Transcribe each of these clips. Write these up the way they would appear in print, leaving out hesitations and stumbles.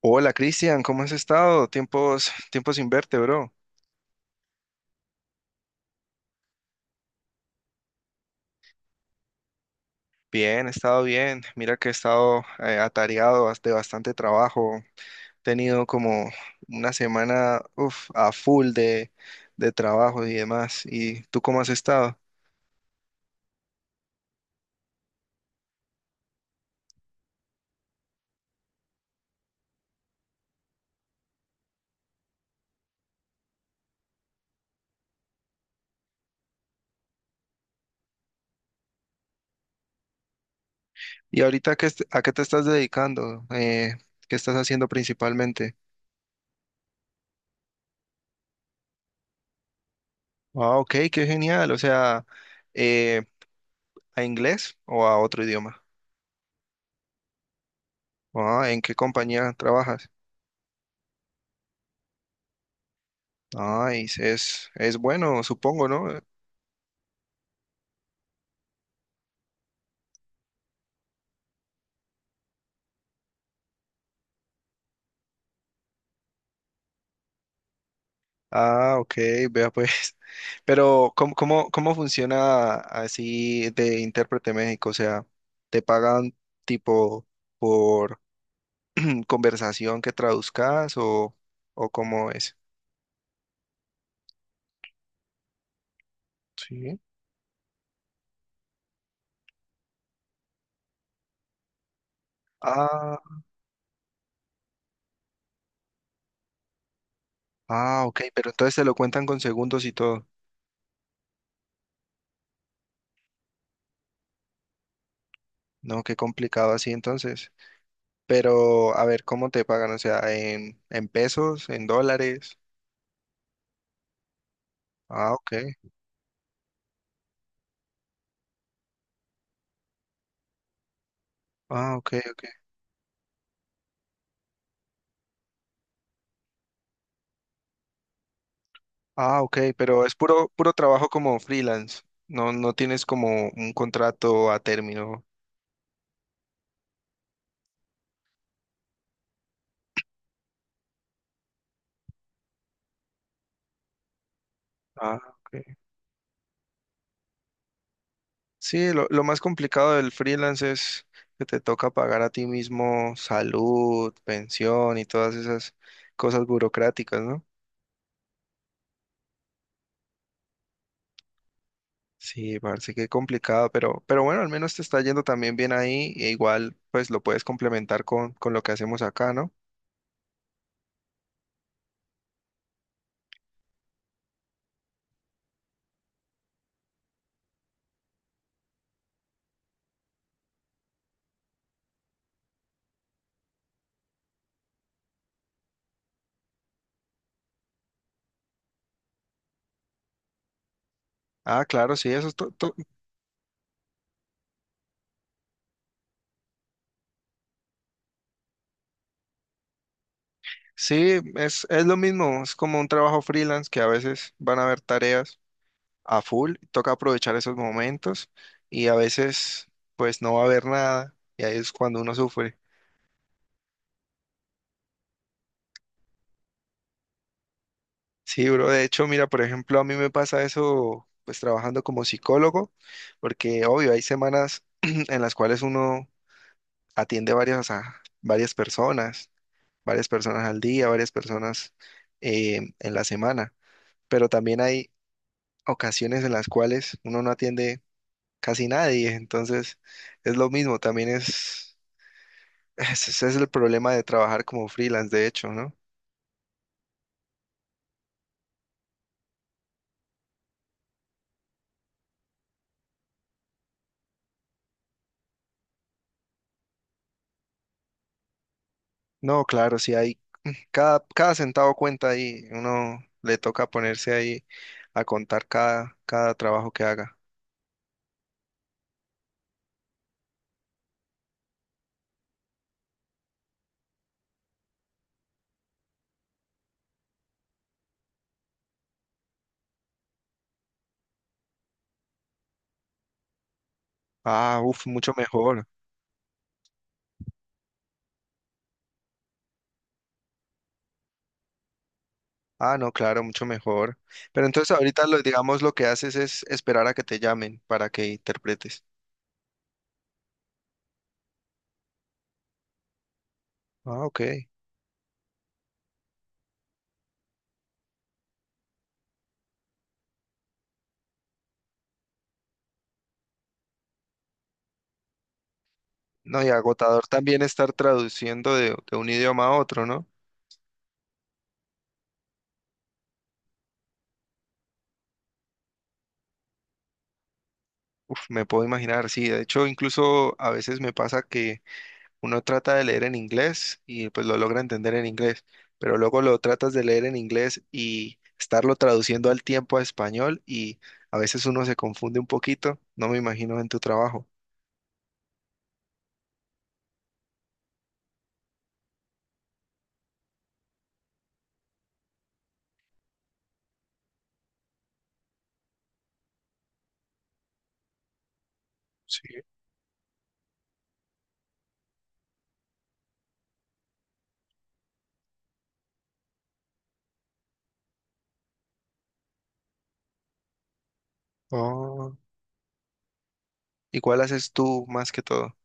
Hola Cristian, ¿cómo has estado? Tiempos, tiempos sin verte, bro. Bien, he estado bien. Mira que he estado atareado de bastante trabajo. He tenido como una semana uf, a full de trabajo y demás. ¿Y tú cómo has estado? ¿Y ahorita qué, a qué te estás dedicando? ¿Qué estás haciendo principalmente? Ah, ok, qué genial. O sea, eh, ¿a inglés o a otro idioma? Ah, ¿en qué compañía trabajas? Ah, es bueno, supongo, ¿no? Ah, ok, vea pues. Pero, ¿cómo funciona así de intérprete México? O sea, ¿te pagan tipo por conversación que traduzcas o cómo es? Sí. Ah, ah, ok, pero entonces te lo cuentan con segundos y todo. No, qué complicado así entonces. Pero, a ver, ¿cómo te pagan? O sea, en pesos, en dólares. Ah, ok. Ah, ok, ok. Ah, ok, pero es puro, puro trabajo como freelance. No, no tienes como un contrato a término. Ah, ok. Sí, lo más complicado del freelance es que te toca pagar a ti mismo salud, pensión y todas esas cosas burocráticas, ¿no? Sí, parece que complicado, pero bueno, al menos te está yendo también bien ahí, e igual pues lo puedes complementar con lo que hacemos acá, ¿no? Ah, claro, sí, eso es todo. Sí, es lo mismo, es como un trabajo freelance que a veces van a haber tareas a full, toca aprovechar esos momentos y a veces pues no va a haber nada y ahí es cuando uno sufre. Sí, bro, de hecho, mira, por ejemplo, a mí me pasa eso pues trabajando como psicólogo, porque obvio, hay semanas en las cuales uno atiende a varias personas, varias personas al día, varias personas en la semana, pero también hay ocasiones en las cuales uno no atiende casi nadie, entonces es lo mismo, también ese es el problema de trabajar como freelance, de hecho, ¿no? No, claro, si hay, cada centavo cuenta ahí, uno le toca ponerse ahí a contar cada trabajo que haga. Ah, uff, mucho mejor. Ah, no, claro, mucho mejor. Pero entonces ahorita lo, digamos, lo que haces es esperar a que te llamen para que interpretes. Ah, ok. No, y agotador también estar traduciendo de un idioma a otro, ¿no? Uf, me puedo imaginar, sí. De hecho, incluso a veces me pasa que uno trata de leer en inglés y pues lo logra entender en inglés, pero luego lo tratas de leer en inglés y estarlo traduciendo al tiempo a español y a veces uno se confunde un poquito. No me imagino en tu trabajo. Sí. Oh, ¿y cuál haces tú más que todo?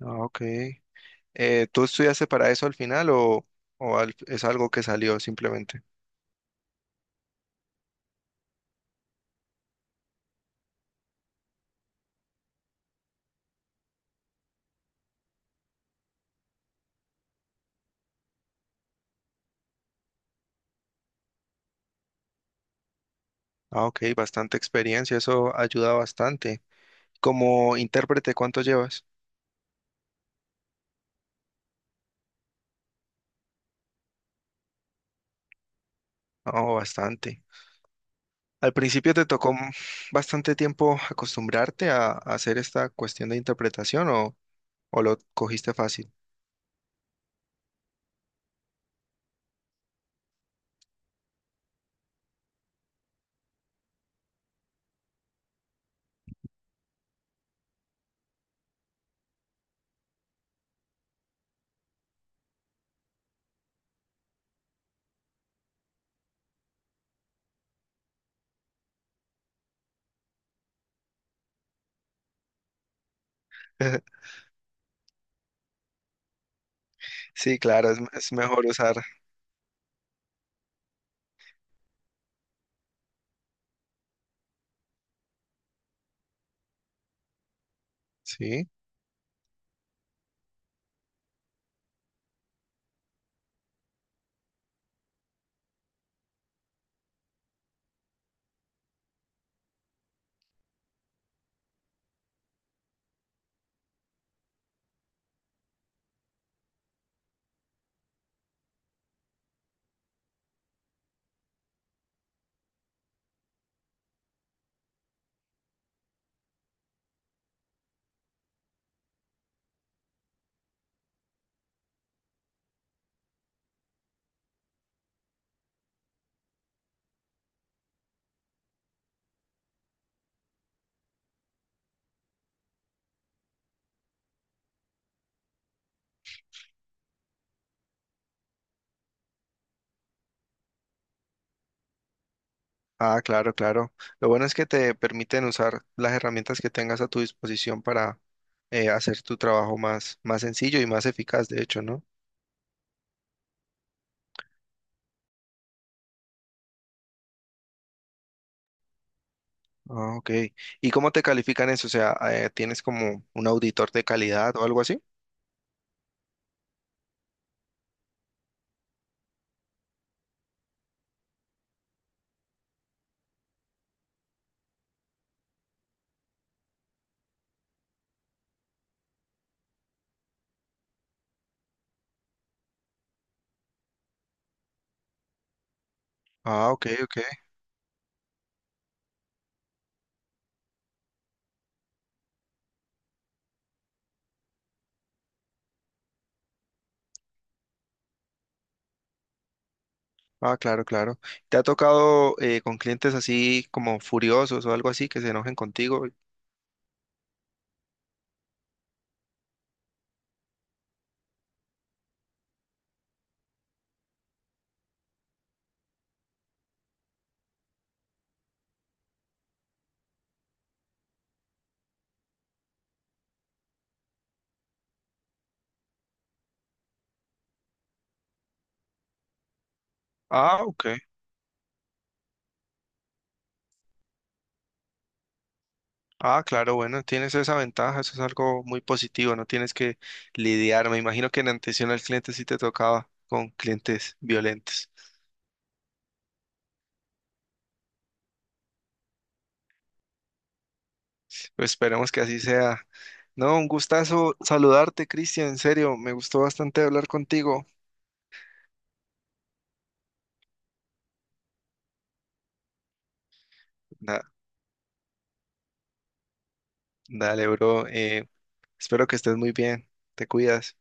Ah, ok. ¿Tú estudiaste para eso al final o es algo que salió simplemente? Ah, ok, bastante experiencia, eso ayuda bastante. Como intérprete, ¿cuánto llevas? Oh, bastante. Al principio te tocó bastante tiempo acostumbrarte a hacer esta cuestión de interpretación o lo cogiste fácil. Sí, claro, es mejor usar. Sí. Ah, claro, claro. Lo bueno es que te permiten usar las herramientas que tengas a tu disposición para hacer tu trabajo más sencillo y más eficaz, de hecho, ¿no? Ah, ok. ¿Y cómo te califican eso? O sea, ¿tienes como un auditor de calidad o algo así? Ah, ok, ok. Ah, claro, claro. ¿Te ha tocado con clientes así como furiosos o algo así que se enojen contigo? Ah, ok. Ah, claro, bueno, tienes esa ventaja, eso es algo muy positivo, no tienes que lidiar. Me imagino que en atención al cliente sí te tocaba con clientes violentos. Pues esperemos que así sea. No, un gustazo saludarte, Cristian, en serio, me gustó bastante hablar contigo. Da- dale, bro, espero que estés muy bien, te cuidas.